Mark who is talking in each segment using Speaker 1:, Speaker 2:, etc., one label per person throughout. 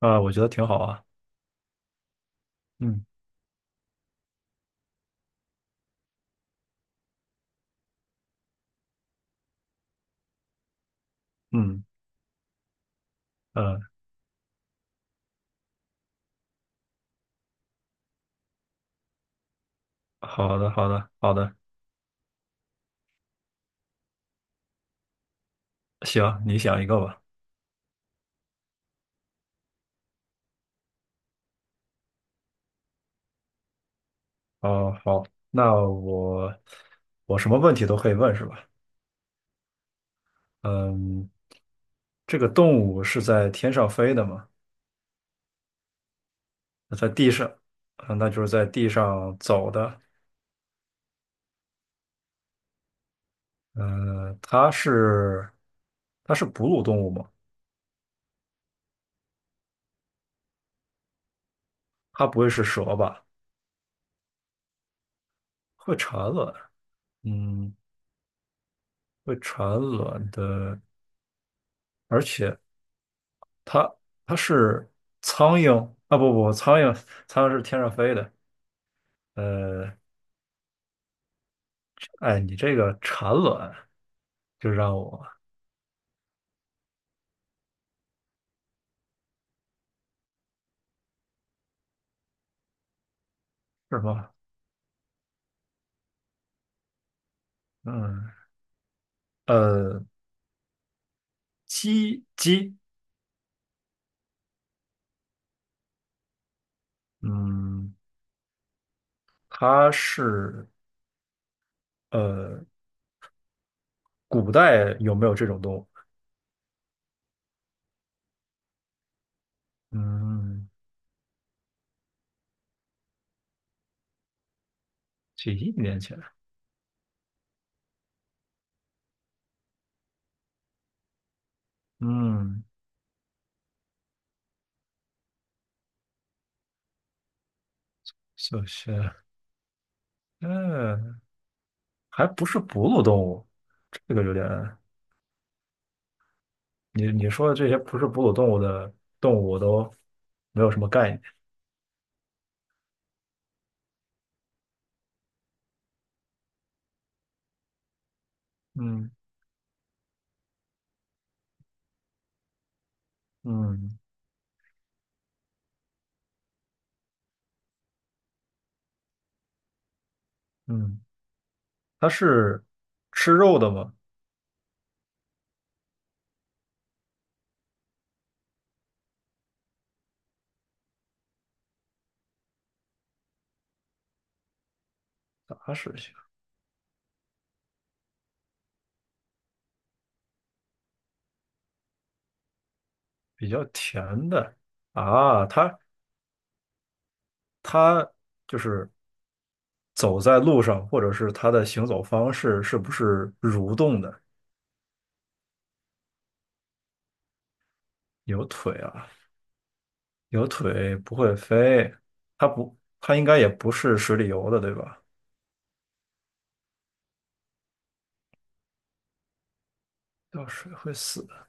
Speaker 1: 啊，我觉得挺好啊。嗯嗯嗯，好的好的好的，行，你想一个吧。哦，好，那我什么问题都可以问是吧？嗯，这个动物是在天上飞的吗？那在地上，啊，那就是在地上走的。嗯，它是哺乳动物吗？它不会是蛇吧？会产卵，嗯，会产卵的，而且。它它是苍蝇啊，不不，苍蝇是天上飞的。呃，哎，你这个产卵就让我是什么嗯，呃，鸡，嗯，它是呃，古代有没有这种动物？嗯，几亿年前，嗯，小学，嗯，还不是哺乳动物，这个有点，你说的这些不是哺乳动物的动物，我都没有什么概念。嗯嗯嗯，它是吃肉的吗？杂食性，比较甜的啊。它就是走在路上，或者是它的行走方式是不是蠕动的？有腿啊，有腿不会飞。它不，它应该也不是水里游的，对吧？掉水会死的，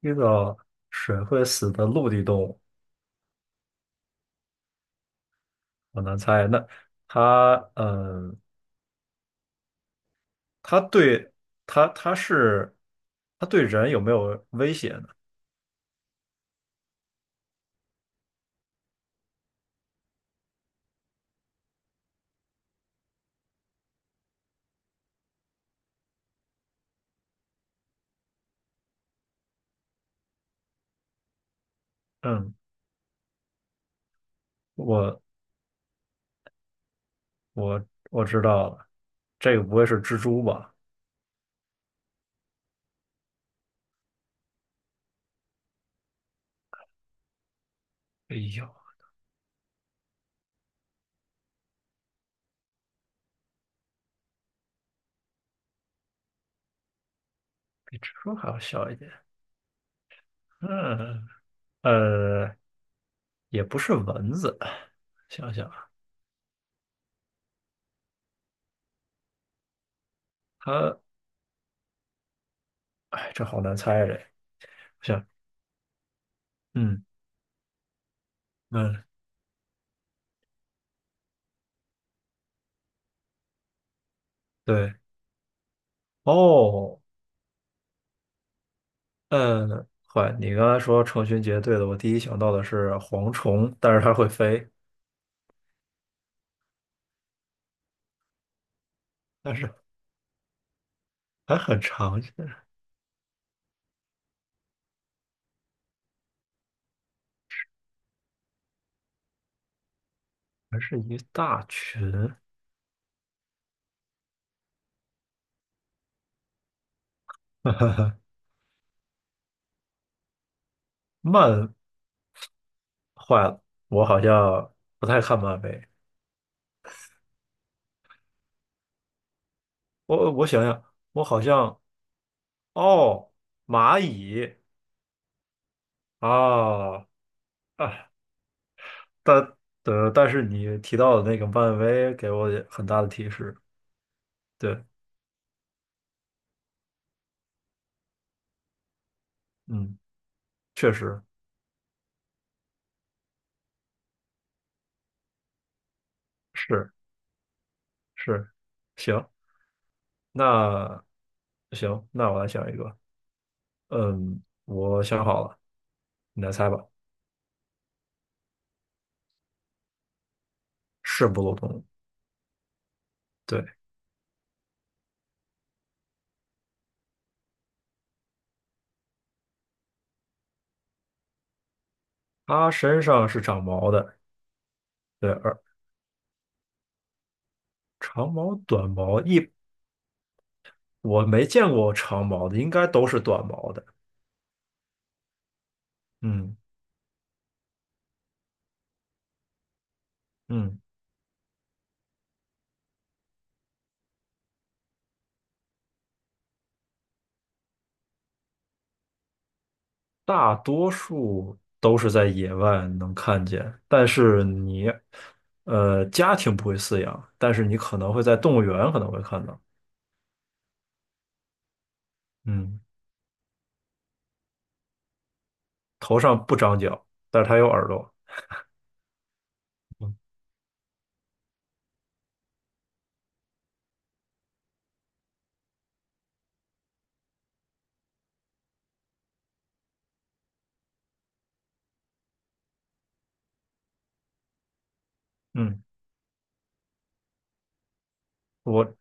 Speaker 1: 遇到水会死的陆地动物，我难猜。那它，嗯。它对它它是它对人有没有威胁呢？嗯，我我我知道了，这个不会是蜘蛛吧？哎呦，比蜘蛛还要小一点。嗯，呃，也不是蚊子。想想啊它，哎，这好难猜啊这。想，嗯嗯，对，哦，嗯，坏，你刚才说成群结队的，我第一想到的是蝗虫，但是它会飞，但是还很常见。还是一大群。漫画我好像不太看漫威，我想想，我好像哦，蚂蚁啊啊，但但是你提到的那个漫威给我也很大的提示，对，嗯，确实是是，行，那行，那我来想一个，嗯，我想好了，你来猜吧，是哺乳动物对，他身上是长毛的。对，而长毛、短毛一我没见过长毛的，应该都是短毛的。嗯嗯，大多数都是在野外能看见，但是你家庭不会饲养，但是你可能会在动物园可能会看到。嗯，头上不长角，但是它有耳朵。嗯，我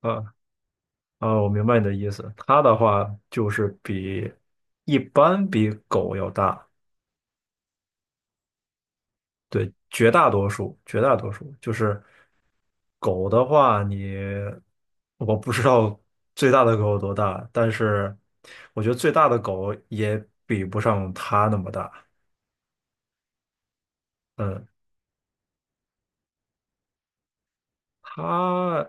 Speaker 1: 啊啊，我明白你的意思。它的话就是比一般比狗要大。对，绝大多数就是狗的话你，我不知道最大的狗有多大，但是我觉得最大的狗也比不上它那么大。嗯，它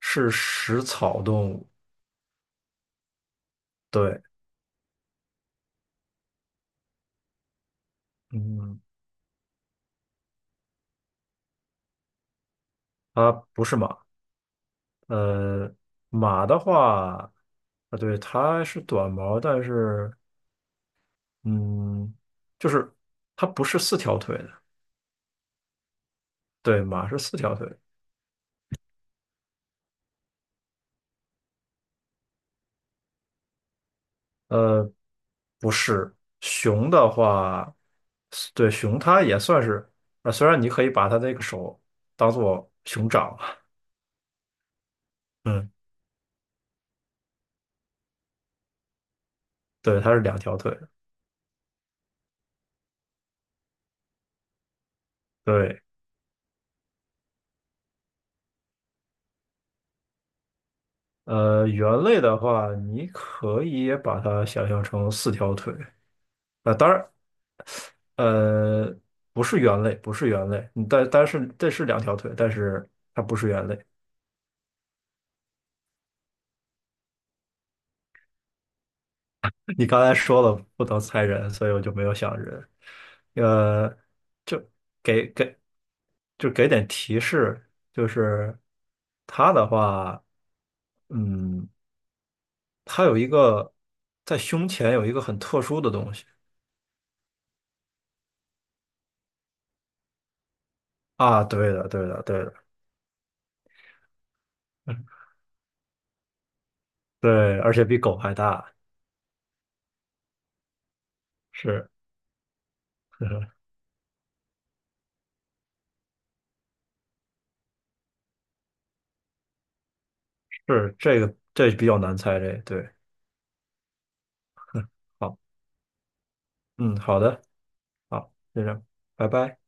Speaker 1: 是食草动物，对，嗯，它不是马。呃，马的话，啊，对，它是短毛，但是嗯，就是它不是四条腿的，对，马是四条腿的。呃，不是，熊的话，对，熊它也算是，啊，虽然你可以把它那个手当做熊掌，嗯，对，它是两条腿，对，猿类的话，你可以也把它想象成四条腿，啊，当然，呃，不是猿类，不是猿类，嗯但是这是两条腿，但是它不是猿类，你刚才说了不能猜人，所以我就没有想人。呃，就给给就给点提示，就是他的话，嗯，他有一个在胸前有一个很特殊的东西啊，对的，对的，对的，嗯对，而且比狗还大，是是是这比较难猜这个，对，好，嗯，好的，好，就这样，拜拜。